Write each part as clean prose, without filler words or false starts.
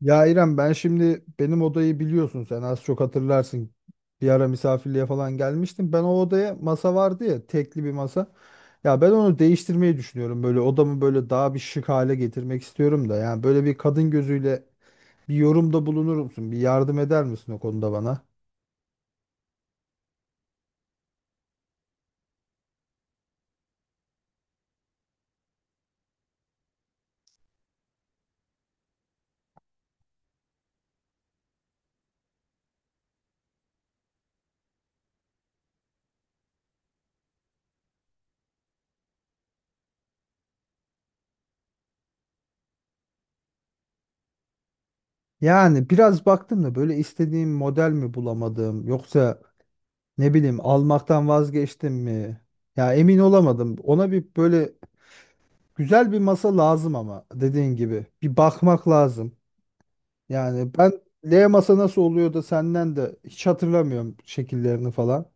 Ya İrem, ben şimdi benim odayı biliyorsun, sen az çok hatırlarsın. Bir ara misafirliğe falan gelmiştim. Ben o odaya masa vardı ya, tekli bir masa. Ya ben onu değiştirmeyi düşünüyorum. Böyle odamı böyle daha bir şık hale getirmek istiyorum da. Yani böyle bir kadın gözüyle bir yorumda bulunur musun? Bir yardım eder misin o konuda bana? Yani biraz baktım da böyle istediğim model mi bulamadım yoksa ne bileyim almaktan vazgeçtim mi? Ya emin olamadım. Ona bir böyle güzel bir masa lazım ama dediğin gibi bir bakmak lazım. Yani ben L masa nasıl oluyor da senden de hiç hatırlamıyorum şekillerini falan.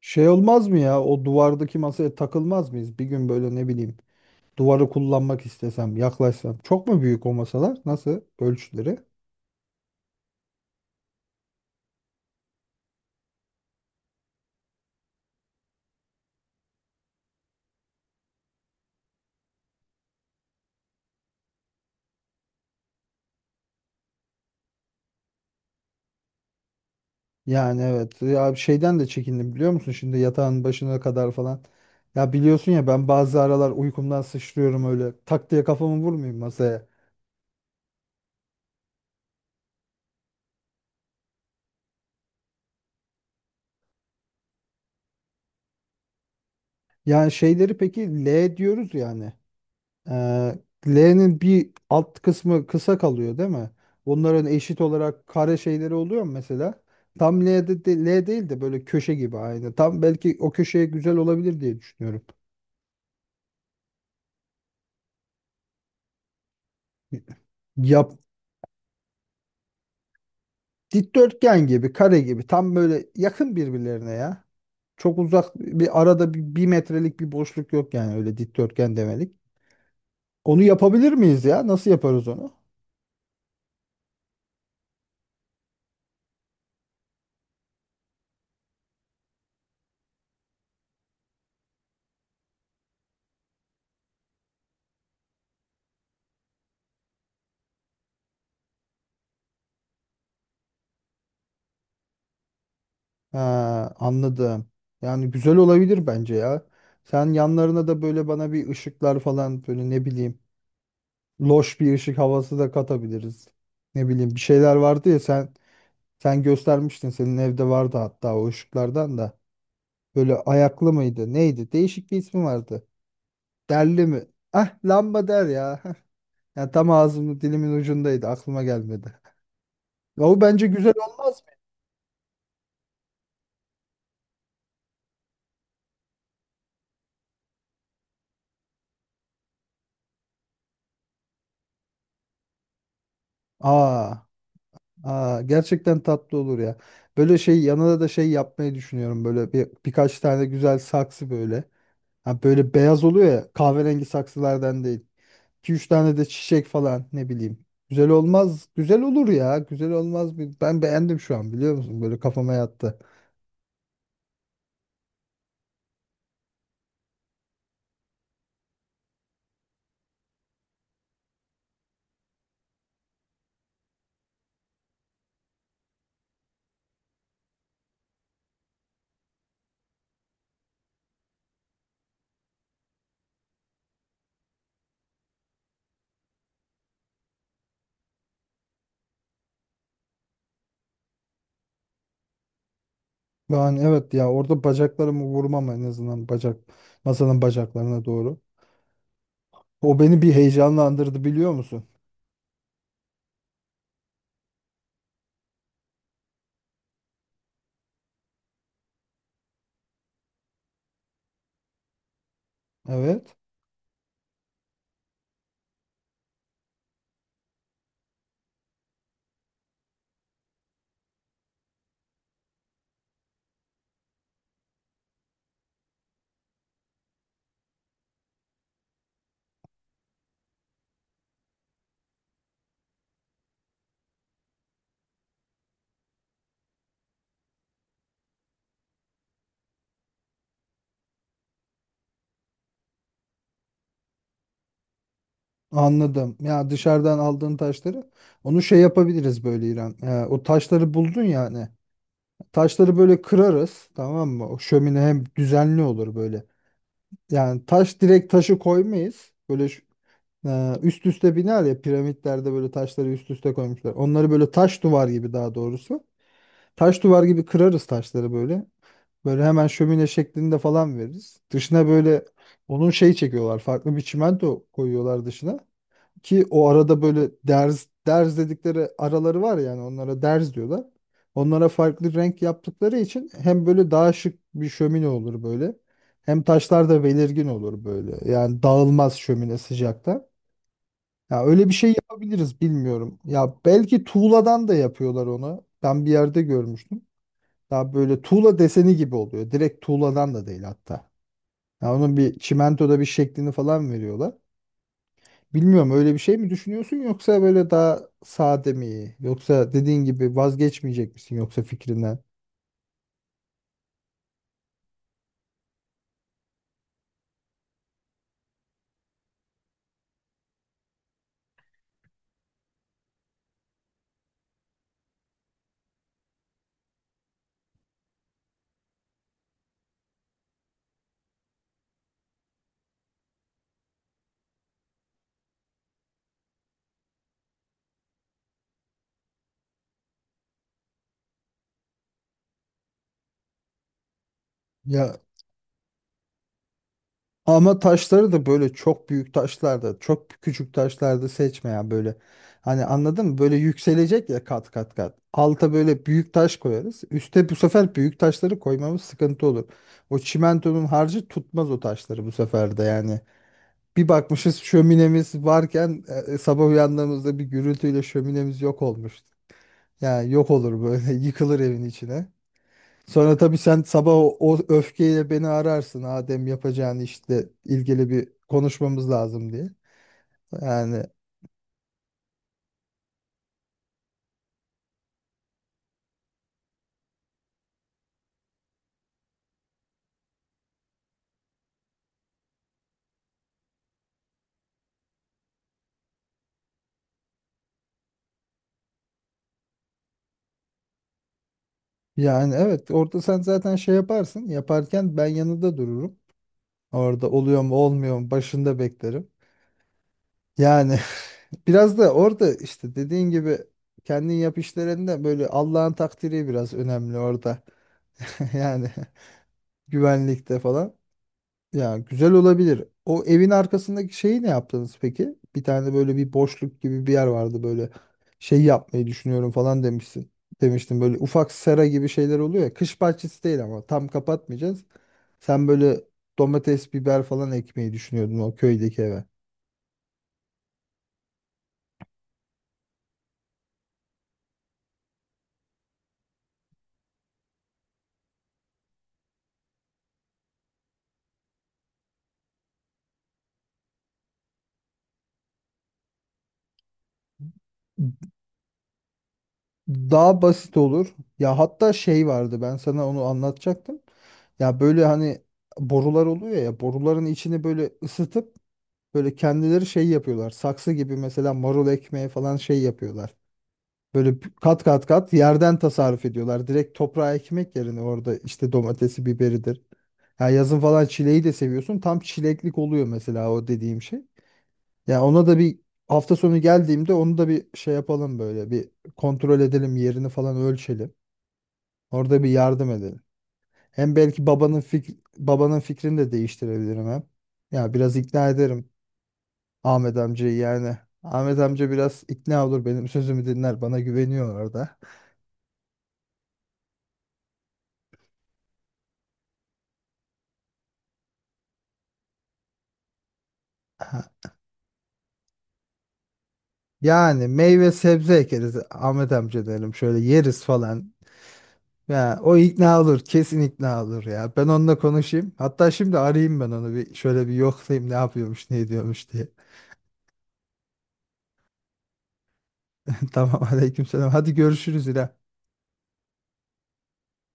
Şey olmaz mı ya, o duvardaki masaya takılmaz mıyız? Bir gün böyle ne bileyim duvarı kullanmak istesem, yaklaşsam. Çok mu büyük o masalar? Nasıl ölçüleri? Yani evet. Ya şeyden de çekindim biliyor musun? Şimdi yatağın başına kadar falan. Ya biliyorsun ya, ben bazı aralar uykumdan sıçrıyorum öyle. Tak diye kafamı vurmayayım masaya. Yani şeyleri peki L diyoruz yani. Ee, L'nin bir alt kısmı kısa kalıyor değil mi? Bunların eşit olarak kare şeyleri oluyor mu mesela? Tam L'de de, L değil de böyle köşe gibi aynı. Tam belki o köşeye güzel olabilir diye düşünüyorum. Yap, dikdörtgen gibi, kare gibi. Tam böyle yakın birbirlerine ya. Çok uzak bir arada bir metrelik bir boşluk yok yani, öyle dikdörtgen demelik. Onu yapabilir miyiz ya? Nasıl yaparız onu? Ha, anladım. Yani güzel olabilir bence ya. Sen yanlarına da böyle bana bir ışıklar falan, böyle ne bileyim loş bir ışık havası da katabiliriz. Ne bileyim bir şeyler vardı ya, sen göstermiştin, senin evde vardı hatta o ışıklardan da. Böyle ayaklı mıydı? Neydi? Değişik bir ismi vardı. Derli mi? Ah, lambader ya. Ya tam ağzımın, dilimin ucundaydı. Aklıma gelmedi. Ya o bence güzel olmaz mı? Aa, gerçekten tatlı olur ya. Böyle şey yanına da şey yapmayı düşünüyorum. Böyle birkaç tane güzel saksı böyle. Ha, böyle beyaz oluyor ya, kahverengi saksılardan değil. iki üç tane de çiçek falan, ne bileyim. Güzel olmaz. Güzel olur ya. Güzel olmaz mı? Ben beğendim şu an, biliyor musun? Böyle kafama yattı. Ben evet ya, orada bacaklarımı vurmam en azından, bacak masanın bacaklarına doğru. O beni bir heyecanlandırdı, biliyor musun? Evet, anladım. Ya dışarıdan aldığın taşları onu şey yapabiliriz böyle İrem. O taşları buldun yani. Taşları böyle kırarız, tamam mı? O şömine hem düzenli olur böyle. Yani taş, direkt taşı koymayız. Böyle üst üste biner ya, piramitlerde böyle taşları üst üste koymuşlar. Onları böyle taş duvar gibi, daha doğrusu taş duvar gibi kırarız taşları böyle. Böyle hemen şömine şeklinde falan veririz. Dışına böyle onun şey çekiyorlar. Farklı bir çimento koyuyorlar dışına. Ki o arada böyle derz dedikleri araları var, yani onlara derz diyorlar. Onlara farklı renk yaptıkları için hem böyle daha şık bir şömine olur böyle. Hem taşlar da belirgin olur böyle. Yani dağılmaz şömine sıcakta. Ya öyle bir şey yapabiliriz, bilmiyorum. Ya belki tuğladan da yapıyorlar onu. Ben bir yerde görmüştüm. Daha böyle tuğla deseni gibi oluyor. Direkt tuğladan da değil hatta. Ya onun bir çimentoda bir şeklini falan veriyorlar. Bilmiyorum, öyle bir şey mi düşünüyorsun, yoksa böyle daha sade mi, yoksa dediğin gibi vazgeçmeyecek misin yoksa fikrinden? Ya ama taşları da böyle çok büyük taşlarda, çok küçük taşlarda seçme ya böyle. Hani anladın mı? Böyle yükselecek ya, kat kat kat. Alta böyle büyük taş koyarız. Üste bu sefer büyük taşları koymamız sıkıntı olur. O çimentonun harcı tutmaz o taşları bu sefer de yani. Bir bakmışız şöminemiz varken, sabah uyandığımızda bir gürültüyle şöminemiz yok olmuştu. Yani yok olur böyle, yıkılır evin içine. Sonra tabii sen sabah o öfkeyle beni ararsın, Adem yapacağını işte, ilgili bir konuşmamız lazım diye. Yani yani evet, orada sen zaten şey yaparsın, yaparken ben yanında dururum. Orada oluyor mu olmuyor mu, başında beklerim. Yani biraz da orada işte dediğin gibi, kendin yap işlerinde böyle Allah'ın takdiri biraz önemli orada. Yani güvenlikte falan. Ya güzel olabilir. O evin arkasındaki şeyi ne yaptınız peki? Bir tane böyle bir boşluk gibi bir yer vardı böyle, şey yapmayı düşünüyorum falan demişsin. Demiştim böyle ufak sera gibi şeyler oluyor ya. Kış bahçesi değil ama tam kapatmayacağız. Sen böyle domates, biber falan ekmeyi düşünüyordun o köydeki eve. Daha basit olur. Ya hatta şey vardı, ben sana onu anlatacaktım. Ya böyle hani borular oluyor ya, boruların içini böyle ısıtıp böyle kendileri şey yapıyorlar. Saksı gibi mesela, marul ekmeği falan şey yapıyorlar. Böyle kat kat kat yerden tasarruf ediyorlar. Direkt toprağa ekmek yerine orada işte domatesi, biberidir. Ya yazın falan çileği de seviyorsun. Tam çileklik oluyor mesela o dediğim şey. Ya ona da bir hafta sonu geldiğimde onu da bir şey yapalım böyle. Bir kontrol edelim, yerini falan ölçelim. Orada bir yardım edelim. Hem belki babanın fikrini de değiştirebilirim hem. Ya biraz ikna ederim Ahmet amcayı yani. Ahmet amca biraz ikna olur, benim sözümü dinler, bana güveniyor orada. Ha, yani meyve sebze ekeriz Ahmet amca derim, şöyle yeriz falan. Ya o ikna olur, kesin ikna olur ya. Ben onunla konuşayım. Hatta şimdi arayayım ben onu, bir şöyle bir yoklayayım ne yapıyormuş, ne ediyormuş diye. Tamam, aleykümselam. Hadi görüşürüz İrem.